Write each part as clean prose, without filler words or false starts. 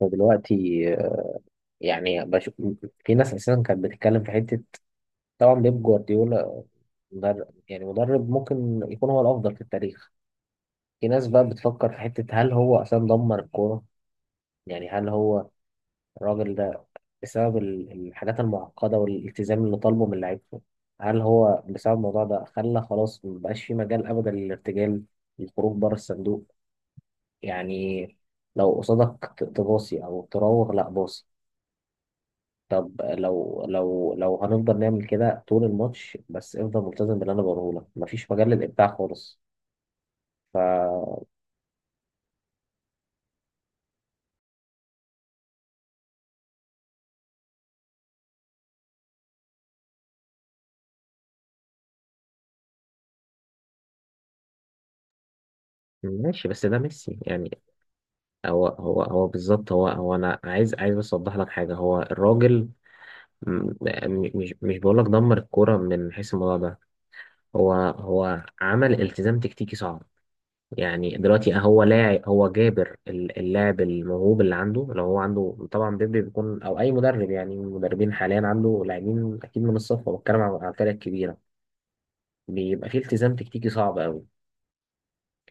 فدلوقتي، آه، يعني بش... في ناس اساسا كانت بتتكلم في حته. طبعا بيب جوارديولا مدرب، مدرب ممكن يكون هو الافضل في التاريخ. في ناس بقى بتفكر في حته، هل هو اساسا دمر الكوره؟ يعني هل هو الراجل ده بسبب الحاجات المعقده والالتزام اللي طالبه من لعيبته، هل هو بسبب الموضوع ده خلى خلاص مبقاش في مجال ابدا للارتجال، للخروج بره الصندوق؟ يعني لو قصادك تباصي او تراوغ، لا باصي. طب لو لو هنفضل نعمل كده طول الماتش، بس افضل ملتزم باللي انا بقوله لك، مفيش مجال للابداع خالص. ف ماشي، بس ده ميسي يعني. هو بالظبط، هو انا عايز بس اوضح لك حاجه. هو الراجل مش بقول لك دمر الكوره من حيث الموضوع ده، هو عمل التزام تكتيكي صعب. يعني دلوقتي هو لاعب، هو جابر اللاعب الموهوب اللي عنده، لو هو عنده طبعا بيبي بيكون او اي مدرب، يعني المدربين حاليا عنده لاعبين اكيد من الصف، بتكلم عن الفرق الكبيره، بيبقى فيه التزام تكتيكي صعب قوي.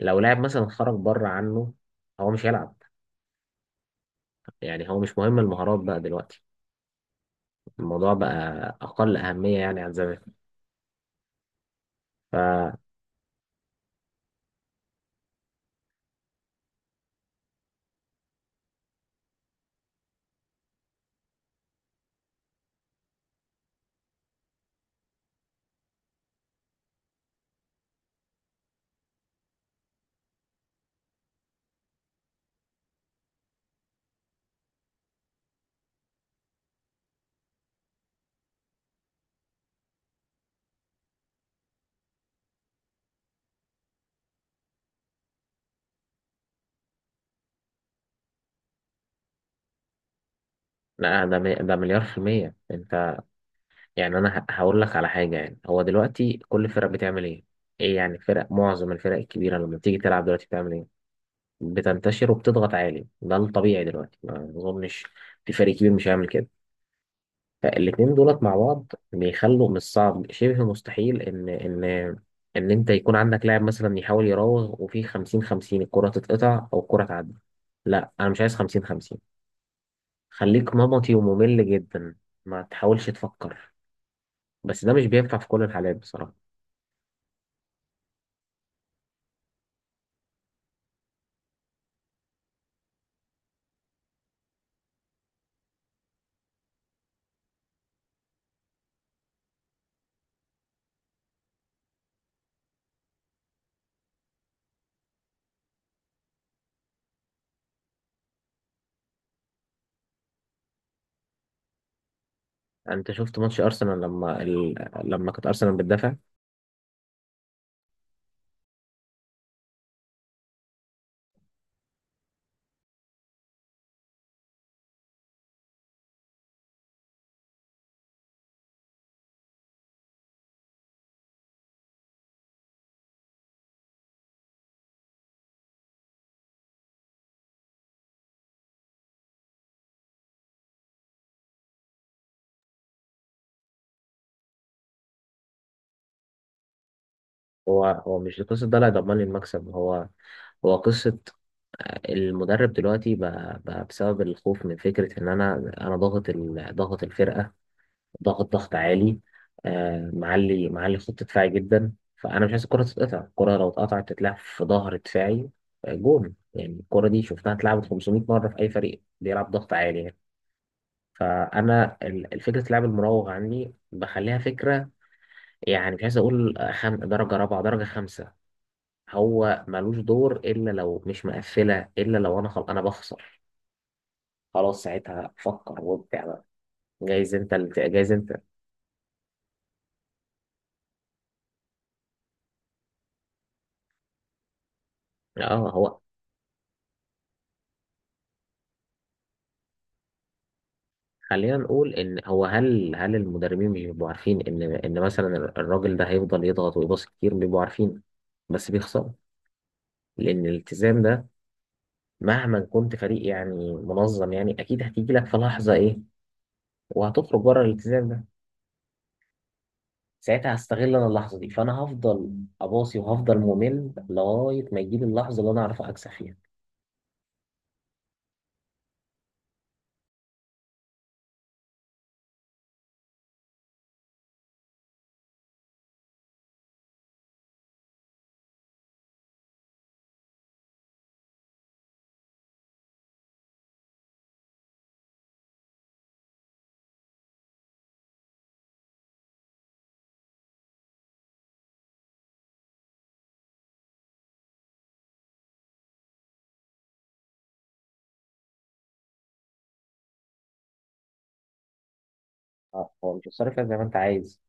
لو لاعب مثلا خرج بره عنه، هو مش هيلعب. يعني هو مش مهم المهارات بقى دلوقتي، الموضوع بقى اقل اهميه يعني عن زمان. ف لا، ده ده مليار في المية انت. يعني انا هقول لك على حاجه. يعني هو دلوقتي كل فرق بتعمل ايه؟ ايه يعني فرق، معظم الفرق الكبيره لما بتيجي تلعب دلوقتي بتعمل ايه؟ بتنتشر وبتضغط عالي، ده الطبيعي دلوقتي. ما اظنش في فريق كبير مش هيعمل كده. فالاتنين دولت مع بعض بيخلوا من الصعب، شبه مستحيل ان انت يكون عندك لاعب مثلا يحاول يراوغ، وفي 50 50 الكره تتقطع او الكره تعدي. لا انا مش عايز 50 50، خليك نمطي وممل جدا، ما تحاولش تفكر. بس ده مش بينفع في كل الحالات بصراحه. انت شفت ماتش ارسنال لما كانت ارسنال بتدافع؟ هو مش قصه ده اللي هيضمن لي المكسب، هو قصه المدرب دلوقتي بقى بسبب الخوف من فكره ان انا ضاغط ضاغط الفرقه، ضاغط ضغط عالي، معلي معلي خط دفاعي جدا، فانا مش عايز الكره تتقطع، الكره لو اتقطعت تتلعب في ظهر دفاعي. جون، يعني الكره دي شفتها اتلعبت 500 مره في اي فريق بيلعب ضغط عالي يعني. فانا الفكره اللعب المراوغ عندي بخليها فكره، يعني مش عايز اقول درجه رابعه درجه خمسه. هو ملوش دور الا لو مش مقفله، الا لو انا بخسر. خلاص ساعتها فكر وابدع بقى. جايز انت جايز انت. اه هو، خلينا نقول ان هو، هل المدربين مش بيبقوا عارفين ان مثلا الراجل ده هيفضل يضغط ويباصي كتير؟ بيبقوا عارفين، بس بيخسروا، لان الالتزام ده مهما كنت فريق يعني منظم، يعني اكيد هتيجي لك في لحظه ايه، وهتخرج بره الالتزام ده. ساعتها هستغل انا اللحظه دي، فانا هفضل اباصي وهفضل ممل لغايه ما يجيلي اللحظه اللي انا اعرف اكسب فيها. آه، هو مش هتصرف فيها زي ما انت عايز.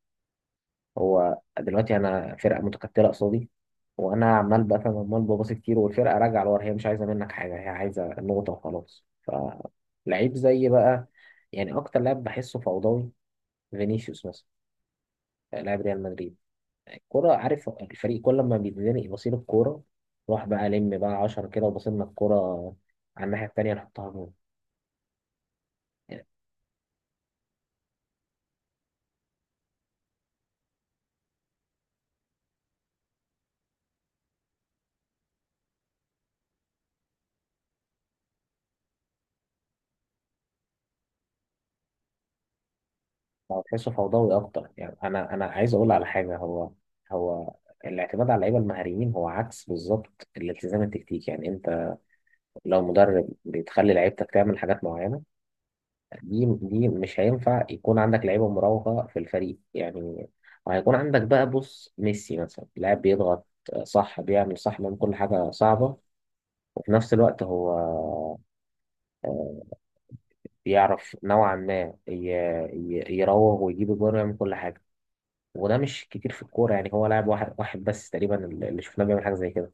هو دلوقتي انا فرقه متكتله قصادي، وانا عمال بقى، فاهم، عمال بباصي كتير والفرقه راجعه لورا، هي مش عايزه منك حاجه، هي عايزه النقطه وخلاص. فلعيب زي بقى، يعني اكتر لاعب بحسه فوضوي، فينيسيوس مثلا، لاعب ريال مدريد، الكورة، عارف، الفريق كل ما بيتزنق بصيل الكورة، روح بقى لم بقى عشرة كده وبصيلنا الكورة على الناحية التانية نحطها جول. يعني هو تحسه فوضوي أكتر. يعني أنا عايز أقول على حاجة. هو هو الاعتماد على اللعيبة المهاريين هو عكس بالظبط الالتزام التكتيكي. يعني أنت لو مدرب بتخلي لعيبتك تعمل حاجات معينة، دي مش هينفع يكون عندك لعيبة مراوغة في الفريق يعني. وهيكون عندك بقى، بص، ميسي مثلا لاعب بيضغط صح، بيعمل صح من كل حاجة صعبة، في نفس الوقت هو بيعرف نوعا ما يراوغ ويجيب الجون ويعمل كل حاجة. وده مش كتير في الكورة، يعني هو لاعب واحد واحد بس تقريبا اللي شفناه بيعمل حاجة زي كده.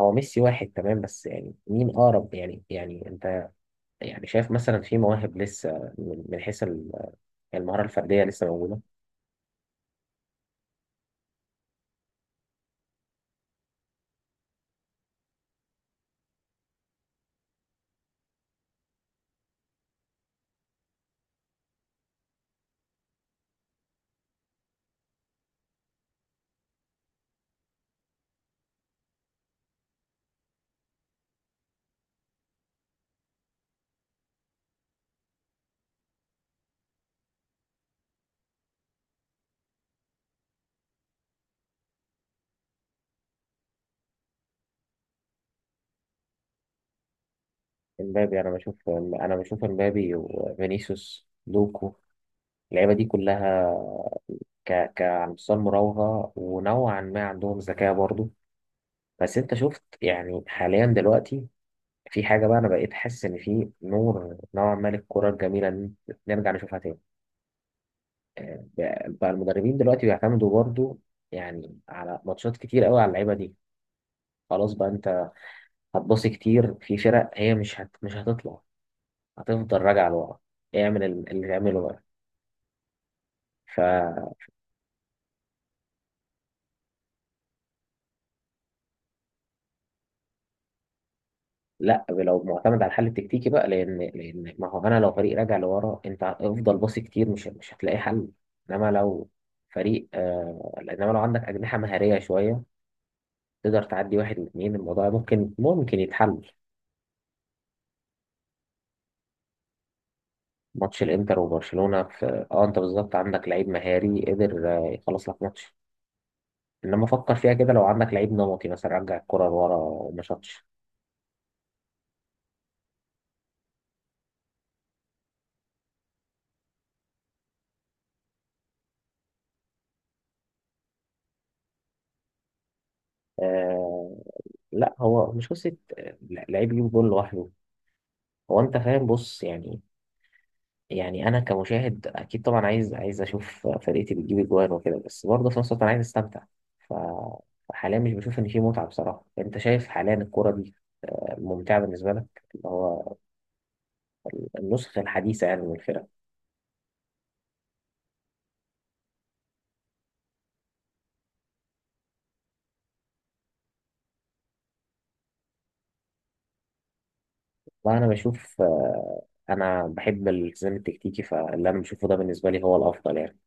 هو ميسي واحد تمام، بس يعني مين أقرب؟ يعني يعني أنت يعني شايف مثلا في مواهب لسه، من حيث المهارة الفردية لسه موجودة؟ امبابي، أنا بشوف، أنا بشوف امبابي وفينيسيوس لوكو، اللعيبة دي كلها ك ك على مستوى المراوغة ونوعا ما عندهم ذكاء برضه. بس انت شفت، يعني حاليا دلوقتي في حاجة بقى، انا بقيت حاسس ان في نور نوعا ما للكرة الجميلة، ان نرجع نشوفها تاني. آه، بقى المدربين دلوقتي بيعتمدوا برضو يعني على ماتشات كتير قوي على اللعيبة دي. خلاص بقى انت هتبصي كتير في فرق هي مش هتطلع، هتفضل راجعة لورا، اعمل اللي تعمله بقى. لا، لو معتمد على الحل التكتيكي بقى، لان ما هو انا لو فريق راجع لورا، انت افضل باصي كتير، مش هتلاقي حل. انما لو فريق آه انما لو عندك اجنحه مهاريه شويه، تقدر تعدي واحد واثنين، الموضوع ممكن يتحل. ماتش الانتر وبرشلونه، في اه، انت بالظبط عندك لعيب مهاري قدر، آه، يخلص لك ماتش. انما فكر فيها كده، لو عندك لعيب نمطي مثلا رجع الكره لورا وما شاطش. آه لا، هو مش قصه، لعيب يجيب جول لوحده. هو انت فاهم، بص، يعني يعني انا كمشاهد اكيد طبعا عايز اشوف فرقتي بتجيب اجوان وكده، بس برضه في نفس الوقت انا عايز استمتع. ف- فحاليا مش بشوف ان في متعه بصراحه. انت شايف حاليا الكوره دي ممتعه بالنسبه لك؟ اللي هو النسخه الحديثه يعني من الفرق. وانا بشوف، آه، انا بحب الالتزام التكتيكي، فاللي انا بشوفه ده بالنسبه لي هو الافضل يعني.